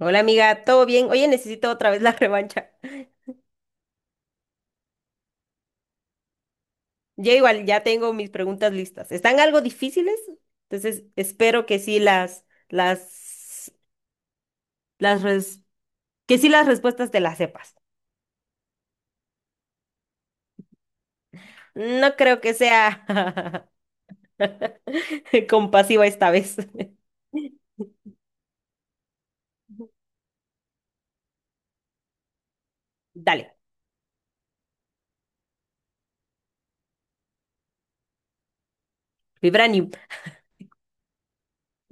Hola amiga, ¿todo bien? Oye, necesito otra vez la revancha. Ya igual, ya tengo mis preguntas listas. Están algo difíciles, entonces espero que sí las, las, res- que sí las respuestas te las sepas. No creo que sea compasiva esta vez. Dale, Vibranium.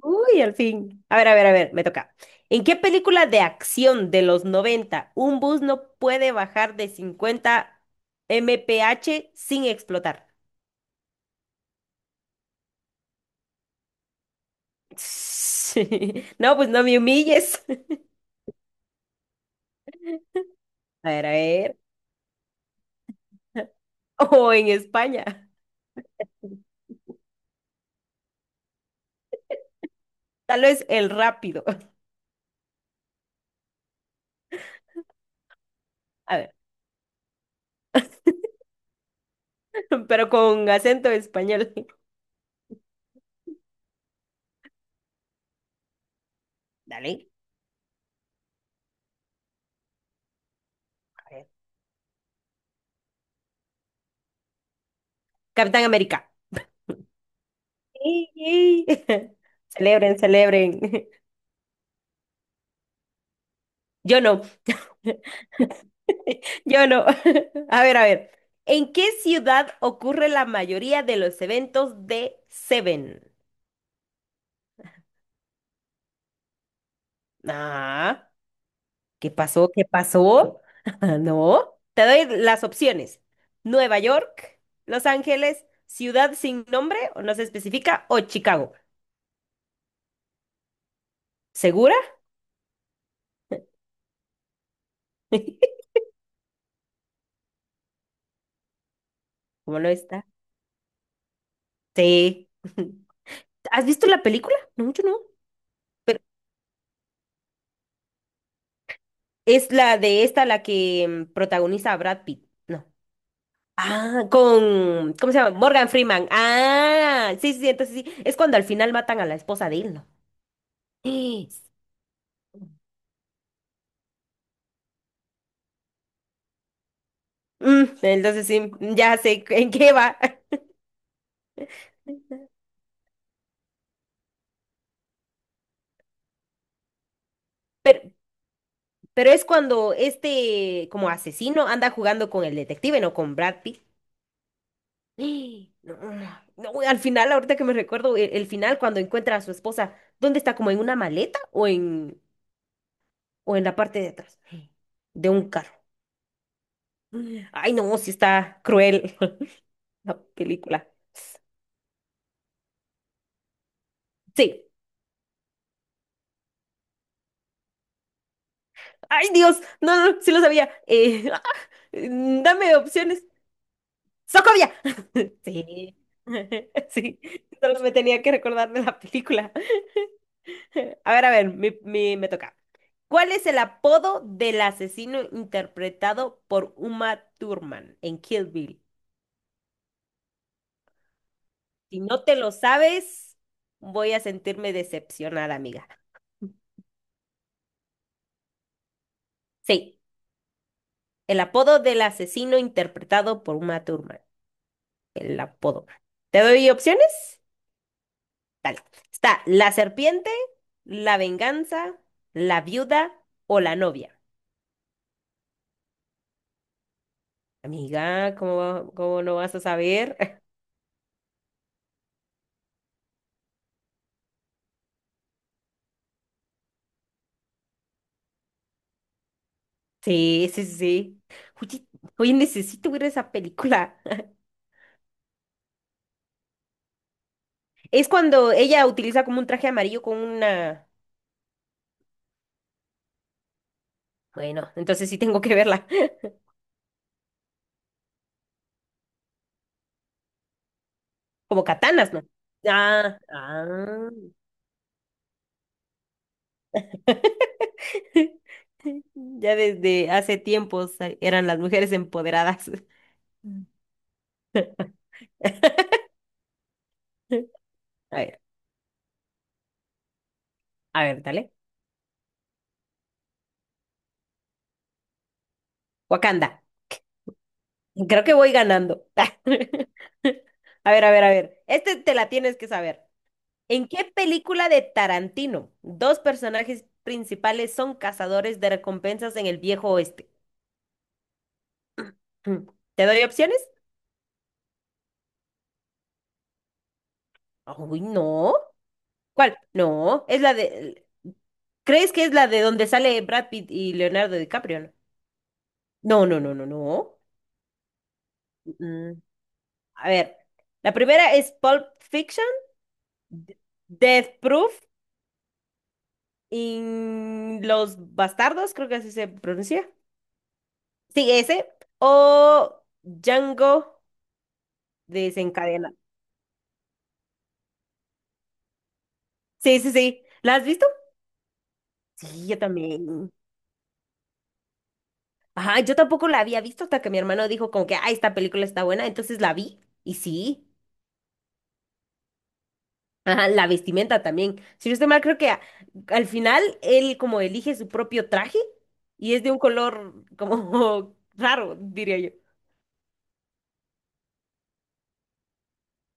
Uy, al fin. A ver, me toca. ¿En qué película de acción de los 90 un bus no puede bajar de 50 mph sin explotar? Sí. No, pues no me humilles. A ver. O en España. Tal vez el rápido. A ver, pero con acento español. Dale. A ver. Capitán América. Sí, sí. Celebren, celebren. Yo no, yo no. A ver. ¿En qué ciudad ocurre la mayoría de los eventos de Seven? Ah. ¿Qué pasó? No. Te doy las opciones. Nueva York, Los Ángeles, ciudad sin nombre o no se especifica, o Chicago. ¿Segura? ¿Cómo no está? Sí. ¿Has visto la película? No, yo no. Pero es la de esta la que protagoniza a Brad Pitt. No. Ah, con, ¿cómo se llama? Morgan Freeman. Ah, sí, sí, entonces sí. Sí. Es cuando al final matan a la esposa de él, ¿no? Entonces sí, ya sé en qué va. Pero es cuando este como asesino anda jugando con el detective, no con Brad Pitt. ¡Ah! No, no, no, al final, ahorita que me recuerdo, el final cuando encuentra a su esposa, ¿dónde está? ¿Como en una maleta o o en la parte de atrás de un carro? Ay, no, sí está cruel la película. Sí. Ay, Dios, no, no, sí lo sabía. Dame opciones. Socovia. Sí. Sí, solo me tenía que recordar de la película. A ver, mi- mi- Me toca. ¿Cuál es el apodo del asesino interpretado por Uma Thurman en Kill Bill? Si no te lo sabes, voy a sentirme decepcionada, amiga. Sí, el apodo del asesino interpretado por Uma Thurman. El apodo. ¿Te doy opciones? Dale. Está la serpiente, la venganza, la viuda o la novia. Amiga, ¿cómo no vas a saber? Sí. Oye, oye, necesito ver esa película. Es cuando ella utiliza como un traje amarillo con una... Bueno, entonces sí tengo que verla. Como katanas, ¿no? Ah, ah. Ya desde hace tiempos eran las mujeres empoderadas. Mm. A ver, a ver, dale. Wakanda. Creo que voy ganando. A ver. Este te la tienes que saber. ¿En qué película de Tarantino dos personajes principales son cazadores de recompensas en el viejo oeste? Mm, ¿Te doy opciones? Uy, no. ¿Cuál? No, es la de... ¿Crees que es la de donde sale Brad Pitt y Leonardo DiCaprio? No, no, no, no, no. No. Mm, A ver, la primera es Pulp Fiction, D- Death Proof y Los Bastardos, creo que así se pronuncia. Sí, ese. O Django desencadenado. Sí. ¿La has visto? Sí, yo también. Ajá, yo tampoco la había visto hasta que mi hermano dijo como que, ah, esta película está buena, entonces la vi y sí. Ajá, la vestimenta también. Si no estoy mal, creo que al final él como elige su propio traje y es de un color como raro, diría yo.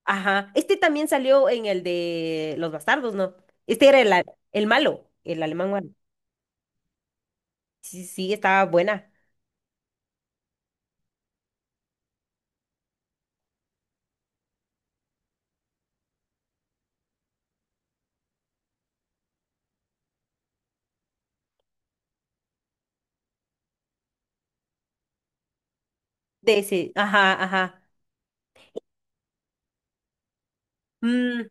Ajá, este también salió en el de Los Bastardos, ¿no? Este era el malo, el alemán malo. Sí, estaba buena. De ese, ajá, ajá. Mm,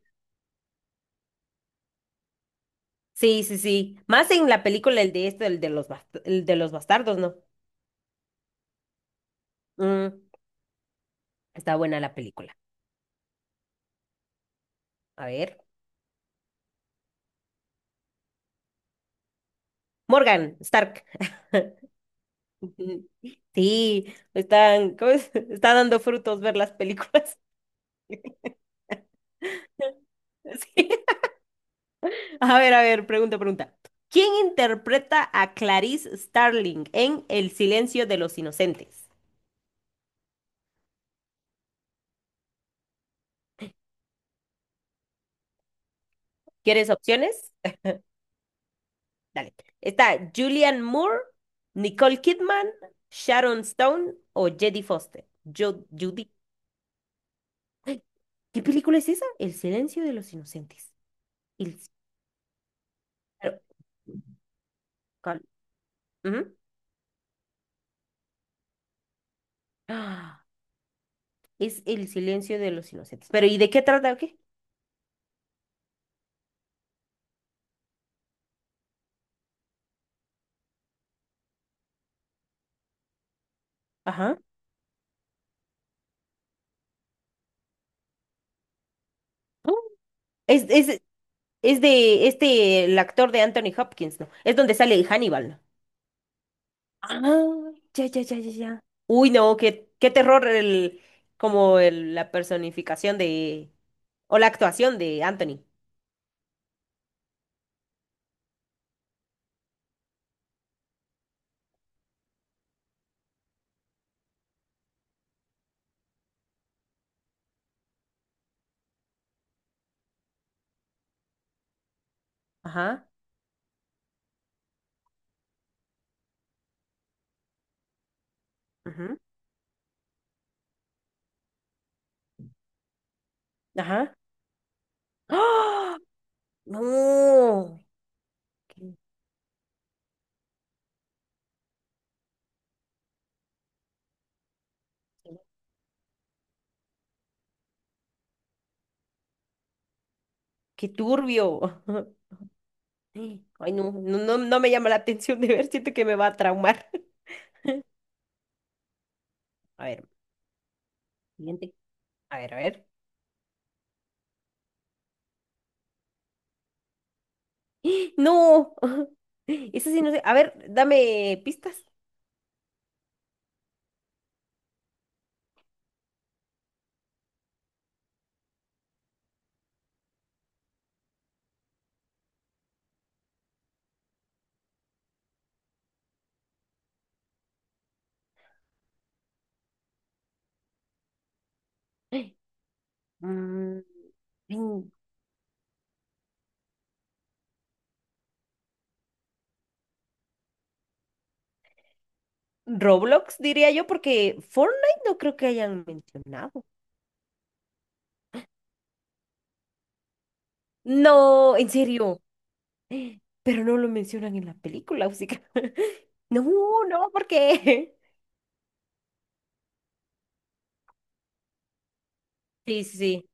sí. Más en la película, el de esto, el de los, el de los bastardos, ¿no? Mm, está buena la película. A ver. Morgan Stark. Ujú. Sí, están, ¿cómo es? Está dando frutos ver las películas. Sí. A ver, pregunta. ¿Quién interpreta a Clarice Starling en El silencio de los inocentes? ¿Quieres opciones? Dale. Está Julianne Moore, Nicole Kidman, Sharon Stone o Jodie Foster. Yo, Judy. ¿Qué película es esa? El silencio de los inocentes. El... si- pero, cal- Ujú. Ah, es El silencio de los inocentes. Pero ¿y de qué trata o qué? Ajá. Ah, Es, es, es de este, el actor de Anthony Hopkins, ¿no? Es donde sale Hannibal, ¿no? Ah, ya. Uy, no, qué terror como el, la personificación de, o la actuación de Anthony. Ajá, ujú, ajá. ¡Ah! No. Qué turbio. Ay, no, me llama la atención de ver, siento que me va a traumar. A ver, siguiente. A ver. No. Eso sí, no sé. A ver, dame pistas. Mm, en Roblox, diría yo, porque Fortnite no creo que hayan mencionado. No, en serio. Pero no lo mencionan en la película, así que- No, no, ¿por qué? Sí.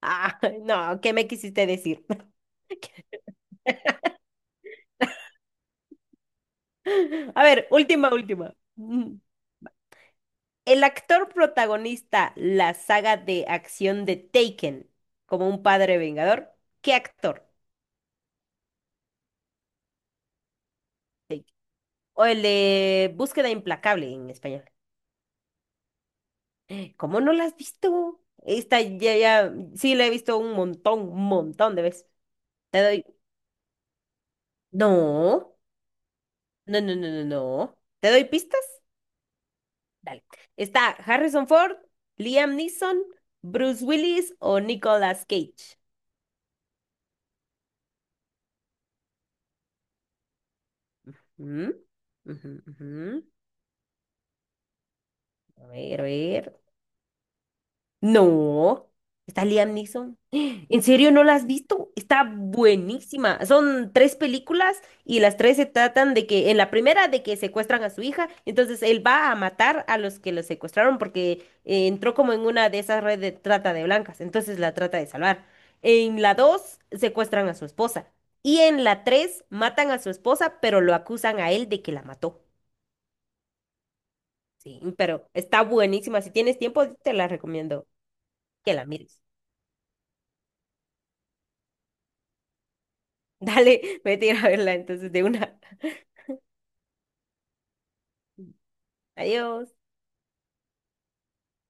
Ah, no, ¿qué me quisiste decir? A ver, última. Mm. El actor protagonista la saga de acción de Taken, como un padre vengador, ¿qué actor? Taken. O el de Búsqueda Implacable en español. ¿Cómo no la has visto? Esta ya, sí la he visto un montón de veces. Te doy. No, no. ¿Te doy pistas? Dale. Está Harrison Ford, Liam Neeson, Bruce Willis o Nicolas Cage. Mm, ujú. A ver. No, está Liam Neeson. ¿En serio no la has visto? Está buenísima. Son 3 películas y las 3 se tratan de que, en la primera, de que secuestran a su hija, entonces él va a matar a los que lo secuestraron porque entró como en una de esas redes de trata de blancas, entonces la trata de salvar. En la dos, secuestran a su esposa. Y en la tres, matan a su esposa, pero lo acusan a él de que la mató. Sí, pero está buenísima. Si tienes tiempo, te la recomiendo que la mires. Dale, vete a ir a verla entonces de una. Adiós.